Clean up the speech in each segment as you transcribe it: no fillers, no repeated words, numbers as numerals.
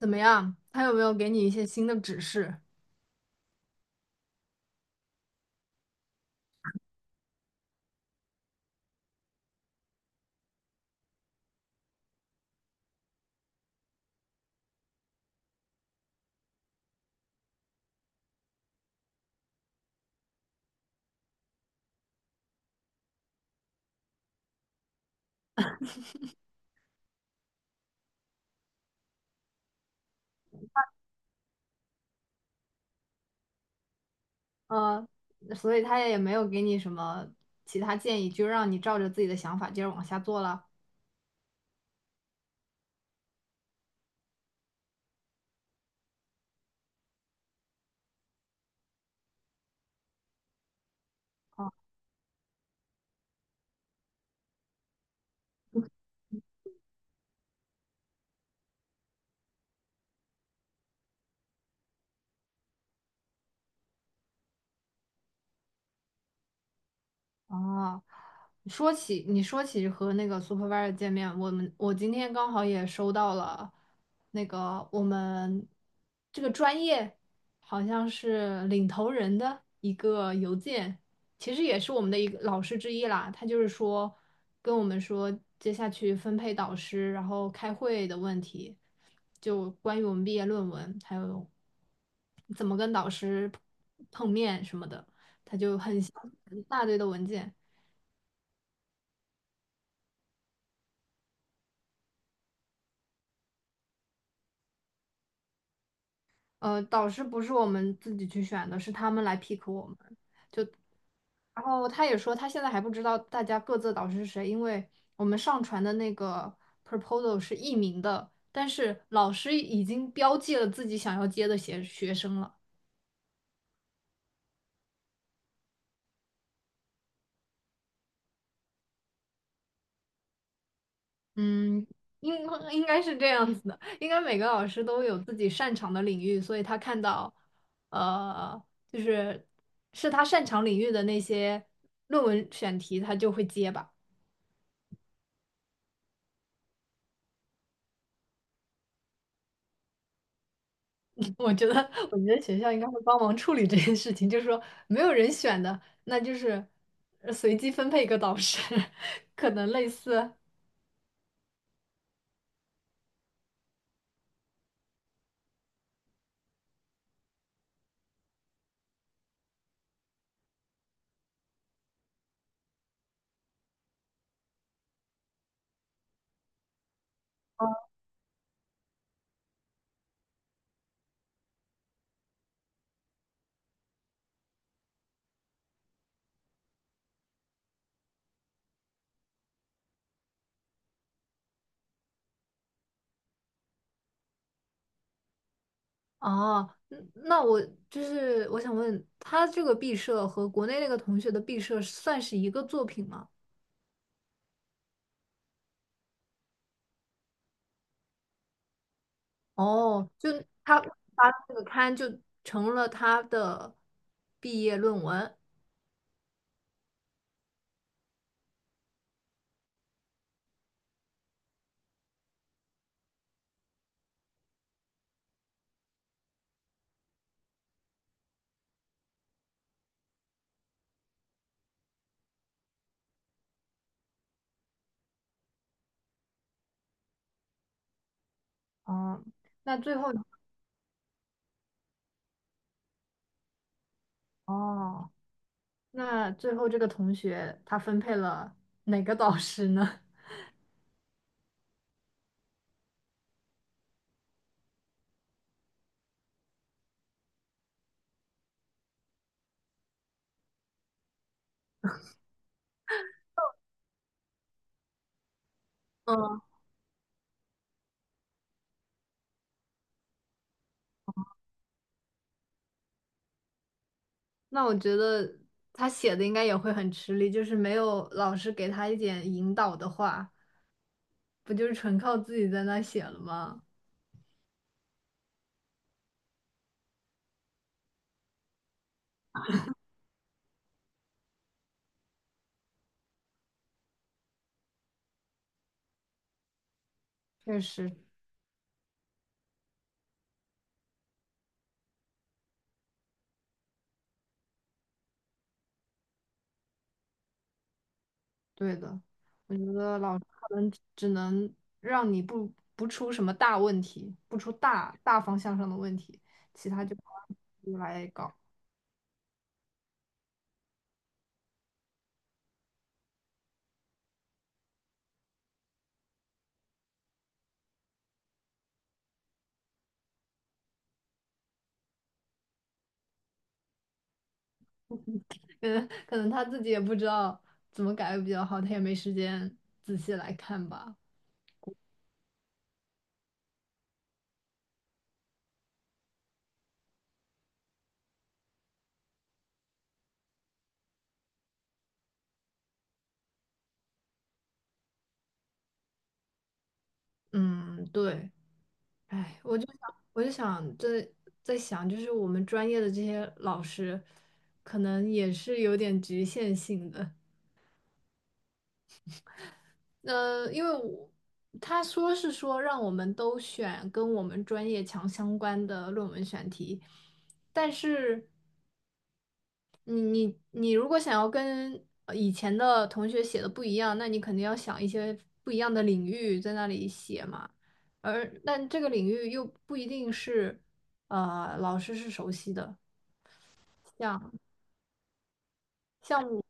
怎么样？他有没有给你一些新的指示？呃，所以他也没有给你什么其他建议，就让你照着自己的想法接着往下做了。哦，说起和那个 supervisor 见面，我今天刚好也收到了那个我们这个专业好像是领头人的一个邮件，其实也是我们的一个老师之一啦。他就是说跟我们说接下去分配导师，然后开会的问题，就关于我们毕业论文，还有怎么跟导师碰面什么的，就很一大堆的文件。呃，导师不是我们自己去选的，是他们来 pick 我们。然后他也说，他现在还不知道大家各自的导师是谁，因为我们上传的那个 proposal 是匿名的，但是老师已经标记了自己想要接的学生了。嗯，应应该是这样子的，应该每个老师都有自己擅长的领域，所以他看到，呃，就是是他擅长领域的那些论文选题，他就会接吧。我觉得学校应该会帮忙处理这件事情，就是说没有人选的，那就是随机分配一个导师，可能类似。哦，嗯那我我想问，他这个毕设和国内那个同学的毕设算是一个作品吗？哦，就他发的那个刊就成了他的毕业论文。哦，那最后，哦，那最后这个同学他分配了哪个导师呢？嗯。那我觉得他写的应该也会很吃力，就是没有老师给他一点引导的话，不就是纯靠自己在那写了吗？确实，对的。我觉得老师可能只能让你不出什么大问题，不出大方向上的问题，其他就自己来搞。嗯，可能他自己也不知道怎么改会比较好，他也没时间仔细来看吧。嗯，对。哎，我就想在想，就是我们专业的这些老师，可能也是有点局限性的。呃，因为我他说是说让我们都选跟我们专业强相关的论文选题，但是你如果想要跟以前的同学写的不一样，那你肯定要想一些不一样的领域在那里写嘛。但这个领域又不一定是老师是熟悉的。像像我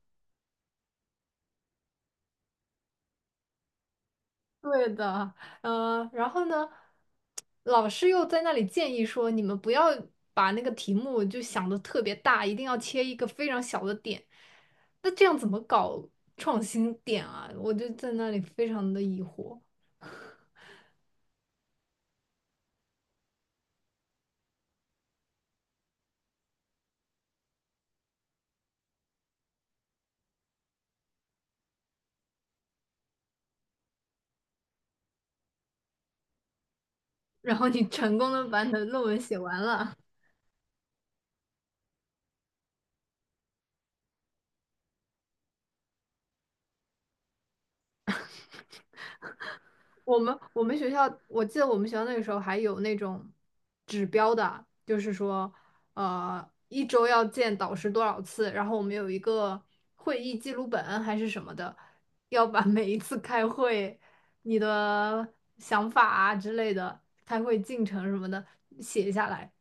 对的，然后呢，老师又在那里建议说，你们不要把那个题目就想的特别大，一定要切一个非常小的点。那这样怎么搞创新点啊？我就在那里非常的疑惑。然后你成功的把你的论文写完了。我们学校，我记得我们学校那个时候还有那种指标的，就是说，一周要见导师多少次，然后我们有一个会议记录本还是什么的，要把每一次开会你的想法啊之类的，开会进程什么的写下来。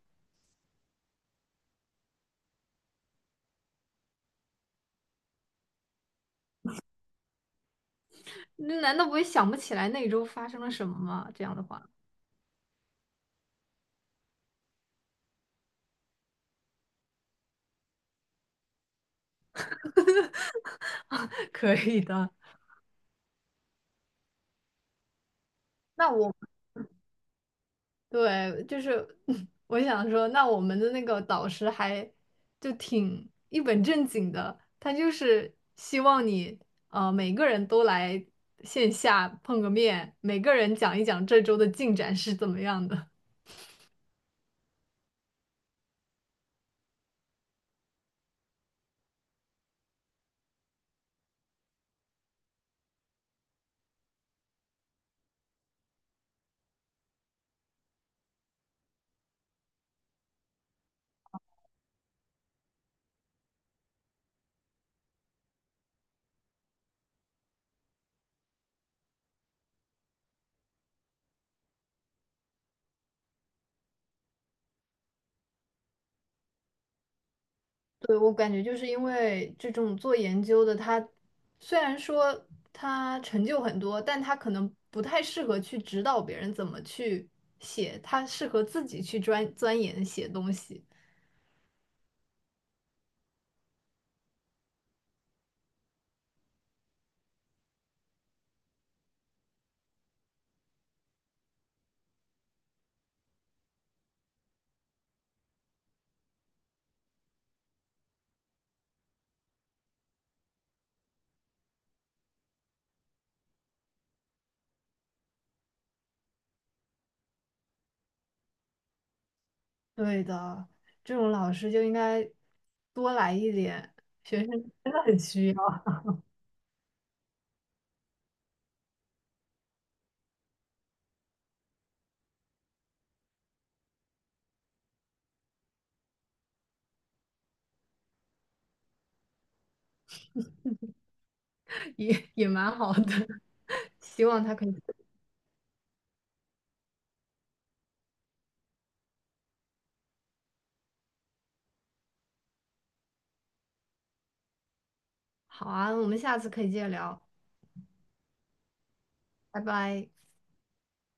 那难道不会想不起来那一周发生了什么吗？这样的话，可以的。那我。对，就是 我想说，那我们的那个导师还就挺一本正经的，他就是希望你每个人都来线下碰个面，每个人讲一讲这周的进展是怎么样的。对，我感觉就是因为这种做研究的，他虽然说他成就很多，但他可能不太适合去指导别人怎么去写，他适合自己去钻研写东西。对的，这种老师就应该多来一点，学生真的很需要，也蛮好的，希望他可以。好啊，我们下次可以接着聊，拜拜。